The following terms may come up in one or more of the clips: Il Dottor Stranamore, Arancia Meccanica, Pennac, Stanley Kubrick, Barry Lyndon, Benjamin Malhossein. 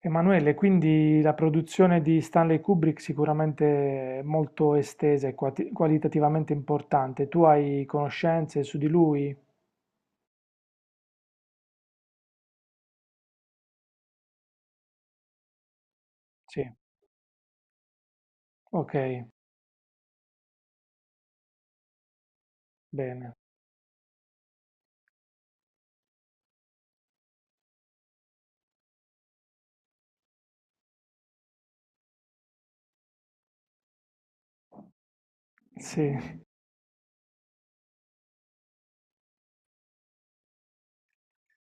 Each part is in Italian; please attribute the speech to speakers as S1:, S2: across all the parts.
S1: Emanuele, quindi la produzione di Stanley Kubrick sicuramente molto estesa e qualitativamente importante. Tu hai conoscenze su di lui? Sì, ok, bene. Sì,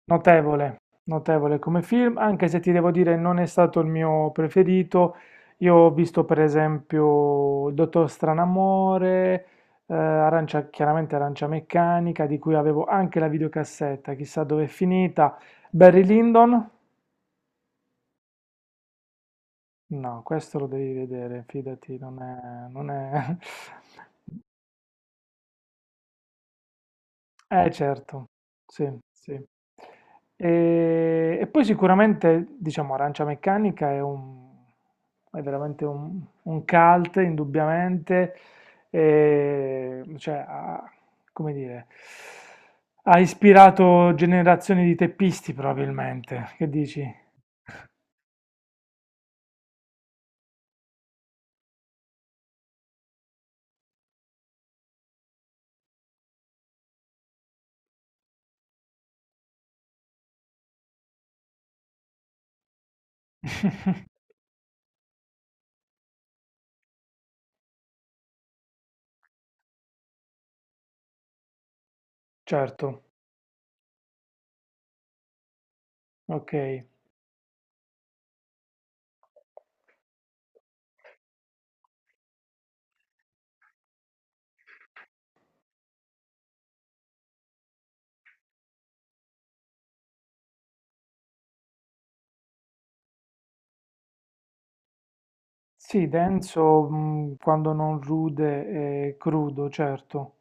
S1: notevole, notevole come film, anche se ti devo dire non è stato il mio preferito. Io ho visto per esempio Il Dottor Stranamore, Arancia, chiaramente Arancia Meccanica, di cui avevo anche la videocassetta, chissà dove è finita. Barry Lyndon. No, questo lo devi vedere, fidati, non è eh certo, sì, sì. E poi sicuramente, diciamo, Arancia Meccanica è un, è veramente un cult indubbiamente, cioè ha, come dire, ha ispirato generazioni di teppisti probabilmente, che dici? Certo, okay. Sì, denso, quando non rude e crudo, certo,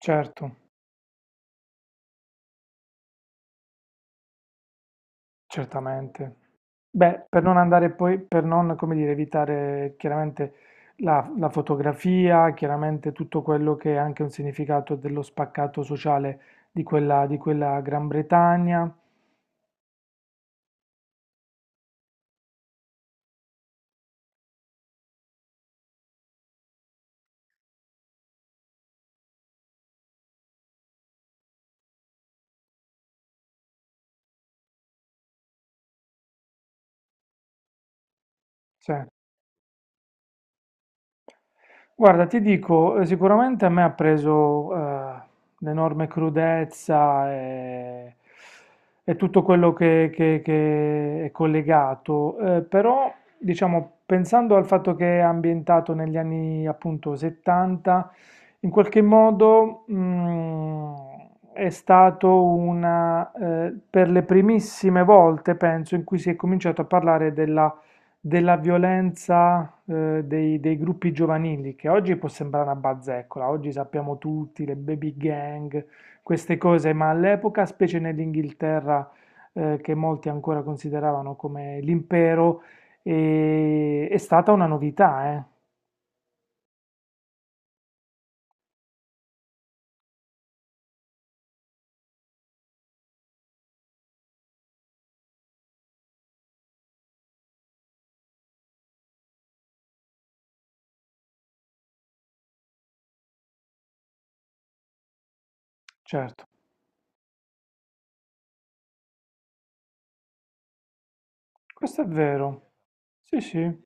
S1: certo, certamente. Beh, per non andare poi, per non, come dire, evitare chiaramente la, la fotografia, chiaramente tutto quello che è anche un significato dello spaccato sociale di quella Gran Bretagna. Sì. Guarda, ti dico, sicuramente a me ha preso, l'enorme crudezza e tutto quello che, che è collegato, però diciamo, pensando al fatto che è ambientato negli anni appunto 70, in qualche modo mm, è stato una, per le primissime volte, penso, in cui si è cominciato a parlare della violenza dei, dei gruppi giovanili, che oggi può sembrare una bazzeccola, oggi sappiamo tutti, le baby gang, queste cose, ma all'epoca, specie nell'Inghilterra, che molti ancora consideravano come l'impero, è stata una novità, eh? Certo, questo è vero. Sì, sì,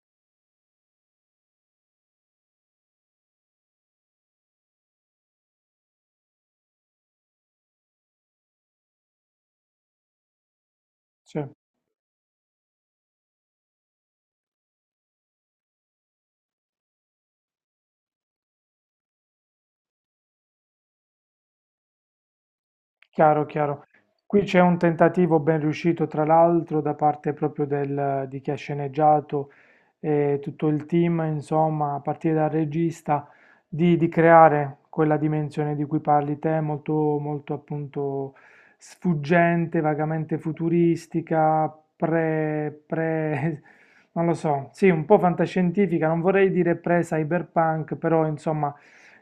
S1: sì. Chiaro, chiaro. Qui c'è un tentativo ben riuscito, tra l'altro, da parte proprio di chi ha sceneggiato e tutto il team, insomma, a partire dal regista, di creare quella dimensione di cui parli te, molto, molto appunto sfuggente, vagamente futuristica, non lo so, sì, un po' fantascientifica, non vorrei dire pre-cyberpunk, però insomma,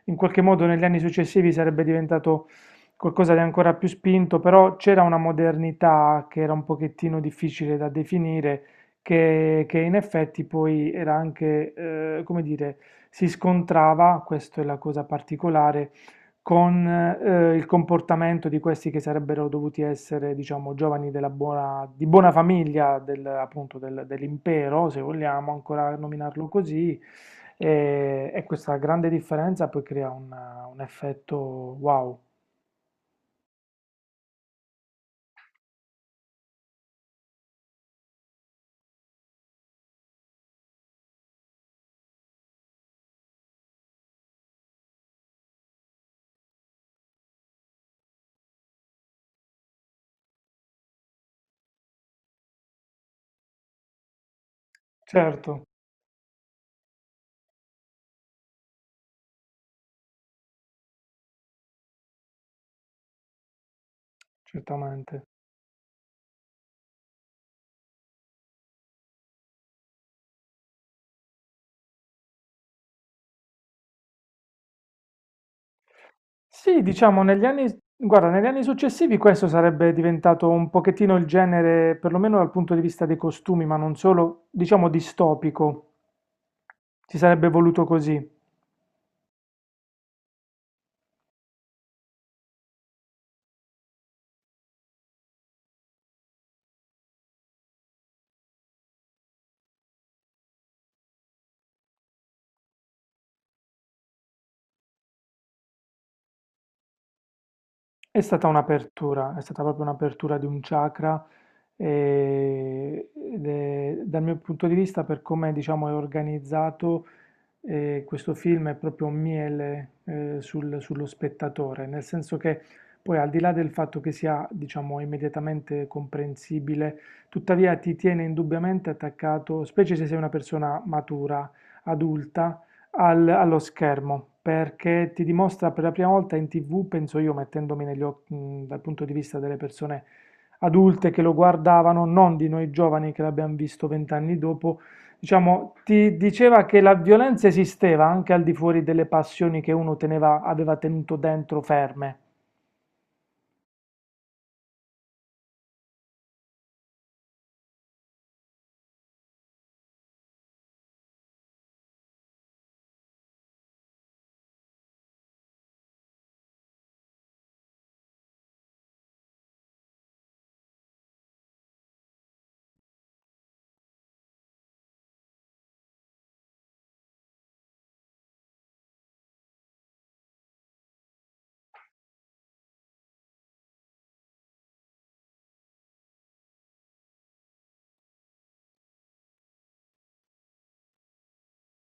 S1: in qualche modo negli anni successivi sarebbe diventato qualcosa di ancora più spinto, però c'era una modernità che era un pochettino difficile da definire, che in effetti poi era anche, come dire, si scontrava, questa è la cosa particolare, con il comportamento di questi che sarebbero dovuti essere, diciamo, giovani della buona, di buona famiglia, appunto dell'impero, se vogliamo ancora nominarlo così, e questa grande differenza poi crea un effetto wow. Certo, certamente. Sì, diciamo negli anni, guarda, negli anni successivi questo sarebbe diventato un pochettino il genere, perlomeno dal punto di vista dei costumi, ma non solo, diciamo distopico. Si sarebbe voluto così. È stata un'apertura, è stata proprio un'apertura di un chakra e, dal mio punto di vista, per come diciamo è organizzato, e questo film è proprio un miele sullo spettatore, nel senso che poi al di là del fatto che sia, diciamo, immediatamente comprensibile, tuttavia ti tiene indubbiamente attaccato, specie se sei una persona matura, adulta, allo schermo, perché ti dimostra per la prima volta in TV, penso io, mettendomi negli occhi, dal punto di vista delle persone adulte che lo guardavano, non di noi giovani che l'abbiamo visto vent'anni dopo. Diciamo, ti diceva che la violenza esisteva anche al di fuori delle passioni che uno teneva, aveva tenuto dentro ferme.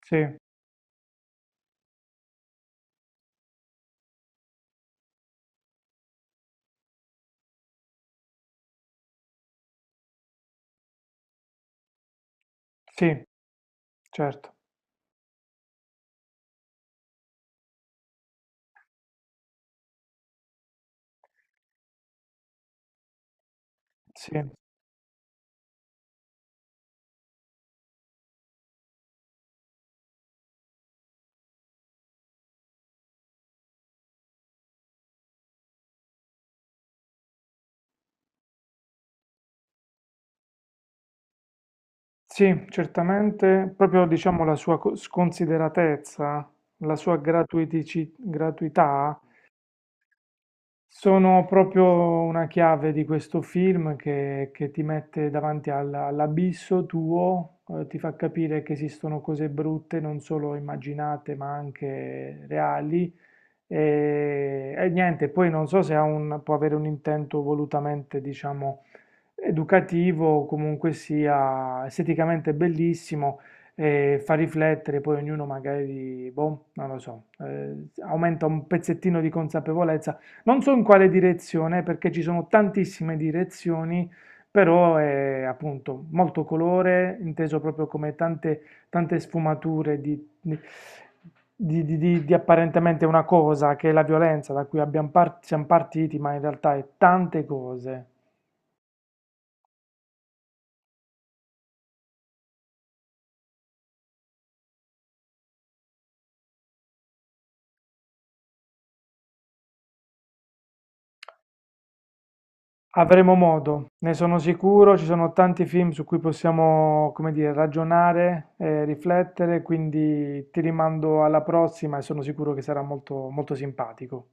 S1: Sì, sì, certo. Sì, sì, certamente. Proprio diciamo la sua sconsideratezza, la sua gratuità sono proprio una chiave di questo film che ti mette davanti all'abisso tuo, ti fa capire che esistono cose brutte, non solo immaginate, ma anche reali. E niente, poi non so se ha può avere un intento volutamente, diciamo, educativo, comunque sia esteticamente bellissimo e fa riflettere, poi ognuno magari, boh, non lo so, aumenta un pezzettino di consapevolezza. Non so in quale direzione, perché ci sono tantissime direzioni, però è appunto molto colore, inteso proprio come tante, tante sfumature di apparentemente una cosa, che è la violenza da cui abbiamo siamo partiti, ma in realtà è tante cose. Avremo modo, ne sono sicuro, ci sono tanti film su cui possiamo, come dire, ragionare, riflettere, quindi ti rimando alla prossima e sono sicuro che sarà molto, molto simpatico.